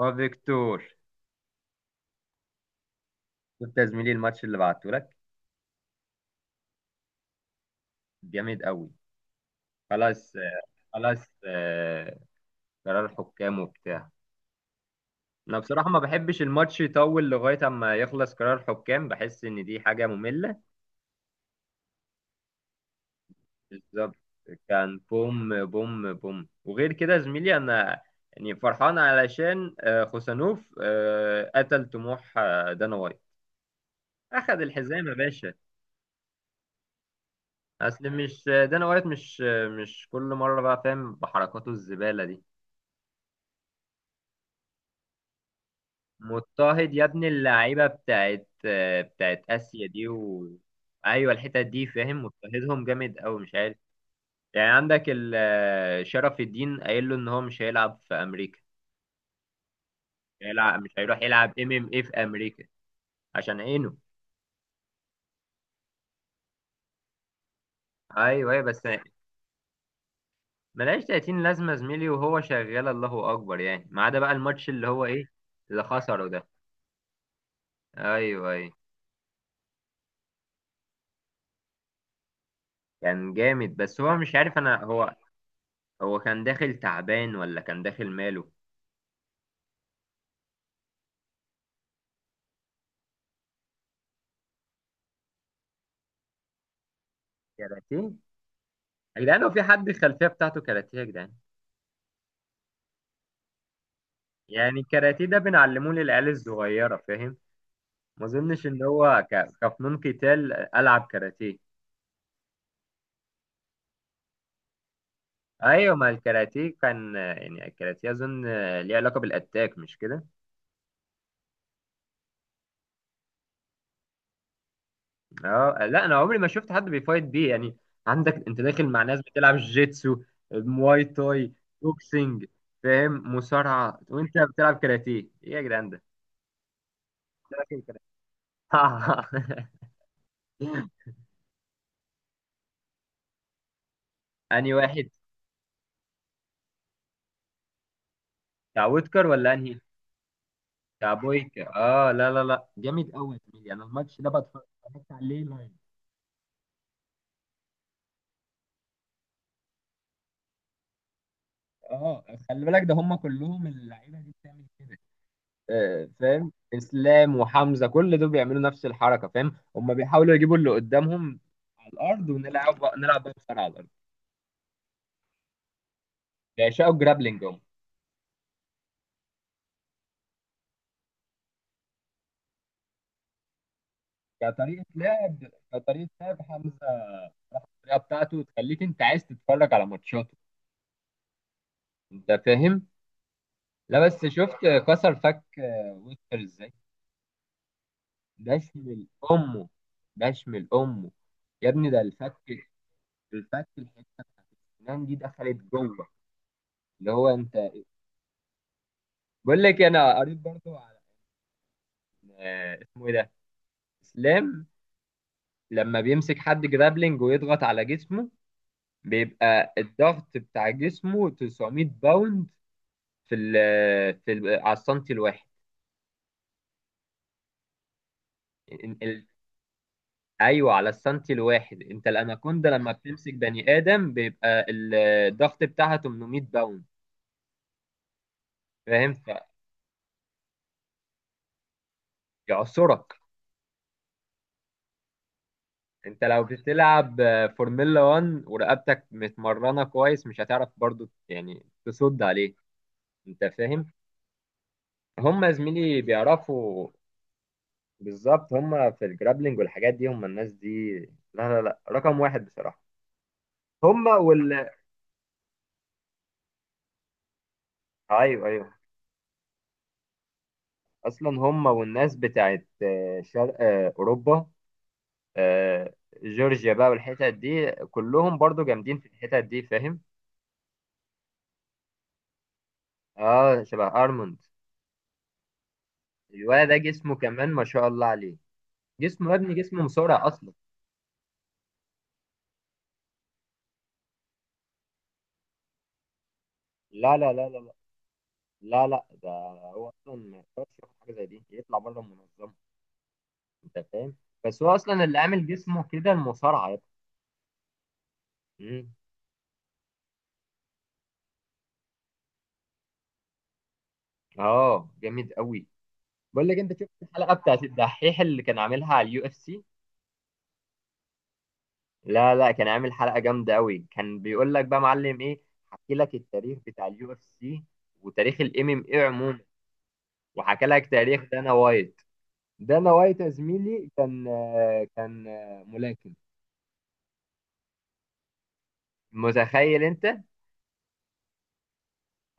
اه فيكتور، شفت يا زميلي الماتش اللي بعته لك؟ جامد قوي. خلاص خلاص قرار حكام وبتاع. انا بصراحة ما بحبش الماتش يطول لغاية اما يخلص قرار حكام، بحس ان دي حاجة مملة. بالظبط. كان بوم بوم بوم، وغير كده يا زميلي انا يعني فرحان علشان خوسانوف قتل طموح دانا وايت. اخد الحزام يا باشا. اصل مش دانا وايت، مش مش كل مرة بقى، فاهم بحركاته الزبالة دي. مضطهد يا ابن اللعيبه بتاعت بتاعت اسيا دي. ايوه، الحتت دي فاهم، مضطهدهم جامد قوي، مش عارف. يعني عندك شرف الدين قايل له ان هو مش هيلعب في امريكا. هيلعب، مش هيروح يلعب ام ام اي في امريكا عشان عينه. ايوه ايوه بس ملهاش 30 لازمه يا زميلي، وهو شغال الله اكبر يعني، ما عدا بقى الماتش اللي هو ايه، اللي خسره ده. ايوه ايوه. كان جامد بس هو مش عارف انا، هو هو كان داخل تعبان ولا كان داخل ماله؟ كاراتيه. يا جدعان لو في حد الخلفيه بتاعته كاراتيه يا جدعان، يعني الكاراتيه ده بنعلمه للعيال الصغيره فاهم. ما اظنش ان هو كفنون قتال العب كاراتيه. ايوه، ما الكاراتيه كان يعني الكاراتيه اظن ليه علاقه بالاتاك، مش كده؟ اه لا، انا عمري ما شفت حد بيفايت بيه يعني. عندك انت داخل مع ناس بتلعب جيتسو، مواي تاي، بوكسنج، فاهم، مصارعه، وانت بتلعب كاراتيه؟ ايه يا جدعان ده؟ داخل كاراتيه. انهي واحد؟ بتاع وودكر ولا انهي؟ كابويكا، اه لا لا لا، جامد قوي يا زميلي، انا الماتش ده اتفرجت عليه لايف. اه خلي بالك، ده هم كلهم اللعيبه دي بتعمل كده. آه فاهم، اسلام وحمزه كل دول بيعملوا نفس الحركه، فاهم، هم بيحاولوا يجيبوا اللي قدامهم على الارض، ونلعب بقى، نلعب بقى بسرعه على الارض. بيعشقوا الجرابلينج هم. كطريقه لعب، كطريقه لعب حمزه، الطريقه بتاعته تخليك انت عايز تتفرج على ماتشاته، انت فاهم. لا بس شفت كسر فك ويستر ازاي؟ بشمل امه، بشمل امه، يا ابني ده الفك، الفك، الحته، الأسنان دي دخلت جوه. اللي هو انت. بقول لك انا قريت برضه على اسمه ايه ده، اسلام، لما بيمسك حد جرابلينج ويضغط على جسمه بيبقى الضغط بتاع جسمه 900 باوند في ال في ال على السنتي الواحد. ال- ال- ايوه، على السنتي الواحد. انت الاناكوندا لما بتمسك بني ادم بيبقى الضغط بتاعها 800 باوند، فاهم، فيعصرك. انت لو بتلعب فورمولا 1 ورقبتك متمرنه كويس، مش هتعرف برضو يعني تصد عليه، انت فاهم. هم زميلي بيعرفوا، بالظبط، هم في الجرابلينج والحاجات دي، هم الناس دي لا لا لا رقم واحد بصراحه. هم. ايوه ايوه. اصلا هم والناس بتاعت شرق اوروبا، آه، جورجيا بقى والحتت دي كلهم برضو جامدين في الحتت دي، فاهم. اه شبه ارموند. الولد ده جسمه كمان ما شاء الله عليه، جسمه يا ابني جسمه مسرع اصلا. لا لا لا لا لا، لا ده هو اصلا ما يقدرش ياخد حاجه زي دي يطلع بره المنظمه، انت فاهم. بس هو اصلا اللي عامل جسمه كده المصارعه يا ابني. مم. اه جامد قوي. بقول لك انت شفت الحلقه بتاعت الدحيح اللي كان عاملها على اليو اف سي؟ لا لا، كان عامل حلقه جامده قوي، كان بيقول لك بقى معلم ايه، حكي لك التاريخ بتاع اليو اف سي، وتاريخ الام ام اي عموما، وحكى لك تاريخ دانا وايت. دانا وايت يا زميلي كان كان ملاكم، متخيل انت؟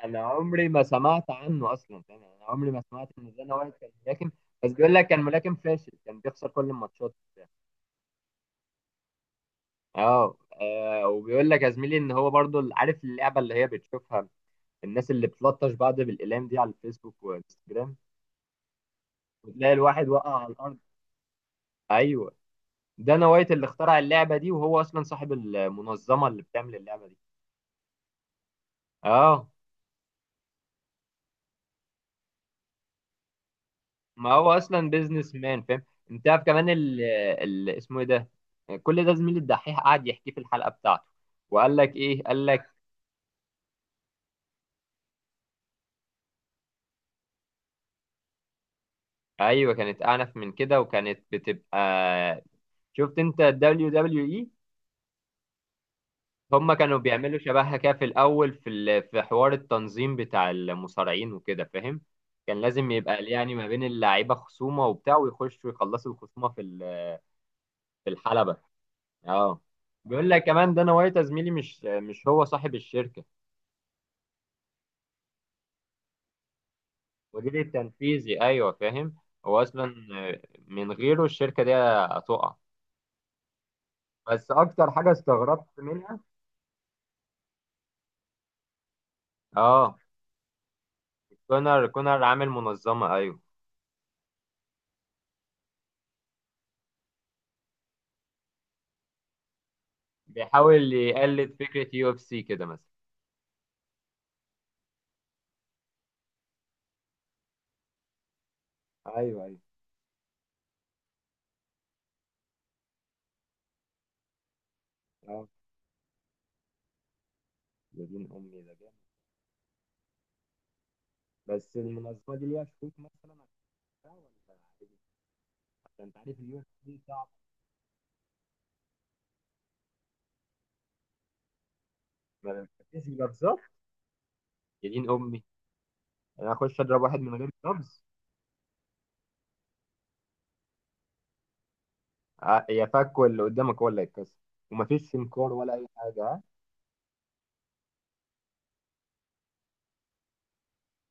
انا عمري ما سمعت عنه اصلا يعني، انا عمري ما سمعت ان زنا وايد كان ملاكم. بس بيقول لك كان ملاكم فاشل، كان بيخسر كل الماتشات وبتاع. اه وبيقول لك يا زميلي ان هو برضو عارف اللعبه اللي هي بتشوفها الناس اللي بتلطش بعض بالاقلام دي على الفيسبوك وانستجرام، وتلاقي الواحد وقع على الارض. ايوه، دانا وايت اللي اخترع اللعبه دي، وهو اصلا صاحب المنظمه اللي بتعمل اللعبه دي. اه، ما هو اصلا بيزنس مان فاهم. انت عارف كمان ال اسمه ايه ده، كل ده زميل الدحيح قعد يحكيه في الحلقه بتاعته، وقال لك ايه، قال لك ايوه كانت اعنف من كده وكانت بتبقى. شفت انت الدبليو دبليو اي؟ هم كانوا بيعملوا شبهها كده في الاول في في حوار التنظيم بتاع المصارعين وكده، فاهم، كان لازم يبقى يعني ما بين اللعيبه خصومه وبتاع ويخشوا يخلصوا الخصومه في في الحلبه. اه، بيقول لك كمان دانا وايت يا زميلي مش، مش هو صاحب الشركه. المدير التنفيذي ايوه، فاهم. هو اصلا، آه، من غيره الشركه دي هتقع. بس اكتر حاجه استغربت منها، اه، كونر، كونر عامل منظمه ايوه، بيحاول يقلد فكره يو اف سي كده مثلا. ايوه ايوه، اه يا دين امي ده جامد. بس المنظمه دي ليها شروط مثلا، هتحققها ولا عادي؟ عشان انت عارف اليو اف سي صعب. ما بتنفذش بلفظات. يا دين امي، انا اخش اضرب واحد من غير لفظ؟ يا فك، واللي قدامك هو اللي هيتكسر. ومفيش سمكار ولا اي حاجه آه.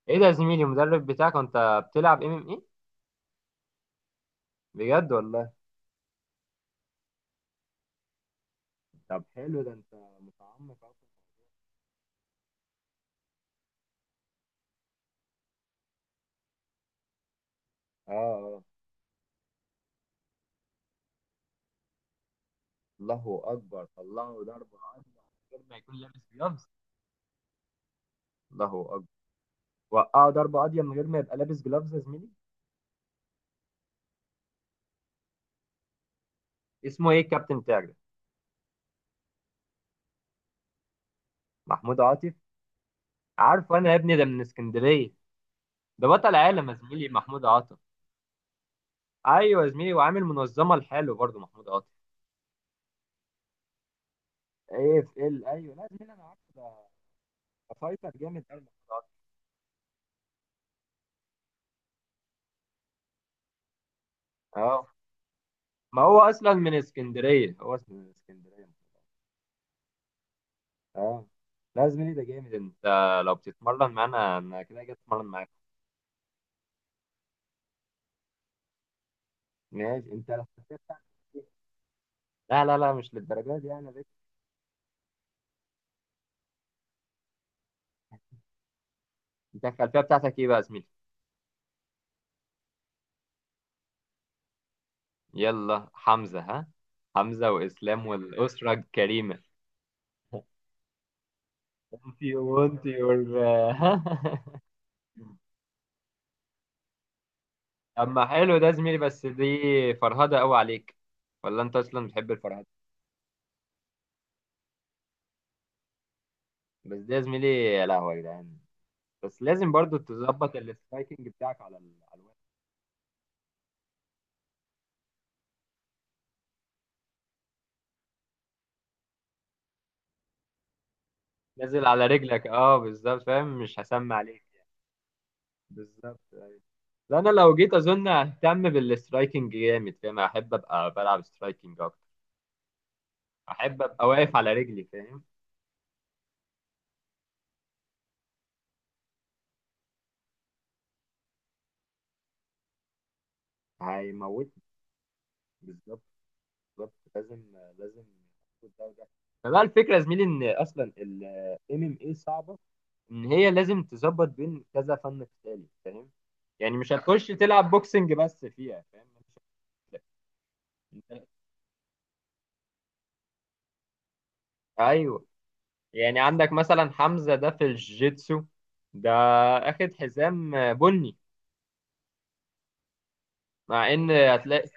ايه ده يا زميلي، المدرب بتاعك وانت بتلعب ام ام ايه؟ بجد والله؟ طب حلو ده، انت متعمق اصلا. اه اه. الله اكبر، طلعه ضربه ابيض من غير ما يكون لابس جلافز. الله اكبر، وقعه ضربه ابيض من غير ما يبقى لابس جلافز يا زميلي. اسمه ايه الكابتن بتاعك ده؟ محمود عاطف، عارفه انا يا ابني، ده من اسكندريه. ده بطل عالم يا زميلي محمود عاطف. ايوه يا زميلي، وعامل منظمه لحاله برضه محمود عاطف. ايه في ال، ايوه، لا يا زميلي انا عارفه ده، ده فايتر جامد قوي محمود عاطف. اه، ما هو اصلا من اسكندريه، هو اصلا من اسكندريه. اه، لا يا زميلي ده جامد، انت لو بتتمرن معانا انا كده جاي اتمرن معاك. ماشي، انت الخلفيه بتاعتك إيه؟ لا لا لا، مش للدرجه دي يعني بس. انت الخلفيه بتاعتك ايه بقى يا زميلي؟ يلا حمزه ها، حمزه واسلام والاسره الكريمه. انتي وانتي وال- اما حلو ده يا زميلي، بس دي فرهده قوي عليك، ولا انت اصلا بتحب الفرهده؟ بس ده يا زميلي، يا لهوي يا جدعان، بس لازم برضو تظبط السترايكنج بتاعك على على الوقت. نازل على رجلك، اه بالظبط فاهم، مش هسمع عليك. بالظبط أيوة. لا انا لو جيت اظن اهتم بالسترايكنج جامد، فاهم، احب ابقى بلعب سترايكنج اكتر، احب ابقى واقف على رجلي فاهم. هيموتني. بالظبط، بالظبط لازم، لازم أخد ده وده. فبقى الفكره يا زميلي ان اصلا ام ام اي صعبه، ان هي لازم تظبط بين كذا فن قتالي، فاهم، يعني مش هتخش تلعب بوكسنج بس فيها فاهم، مش هتلاقي. ايوه، يعني عندك مثلا حمزه ده في الجيتسو ده اخد حزام بني، مع ان هتلاقي،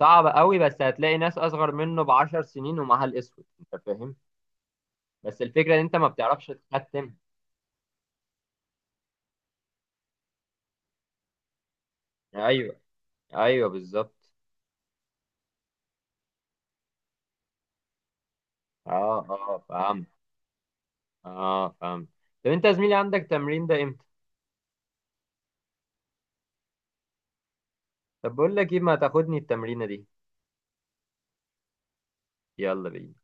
صعب قوي، بس هتلاقي ناس اصغر منه بـ10 سنين ومعاها الاسود، انت فاهم. بس الفكره ان انت ما بتعرفش تختم. ايوه ايوه بالظبط. اه اه فهمت. اه فهمت. طب انت يا زميلي عندك تمرين ده امتى؟ طب بقول لك ايه، ما تاخدني التمرينه دي. يلا بينا.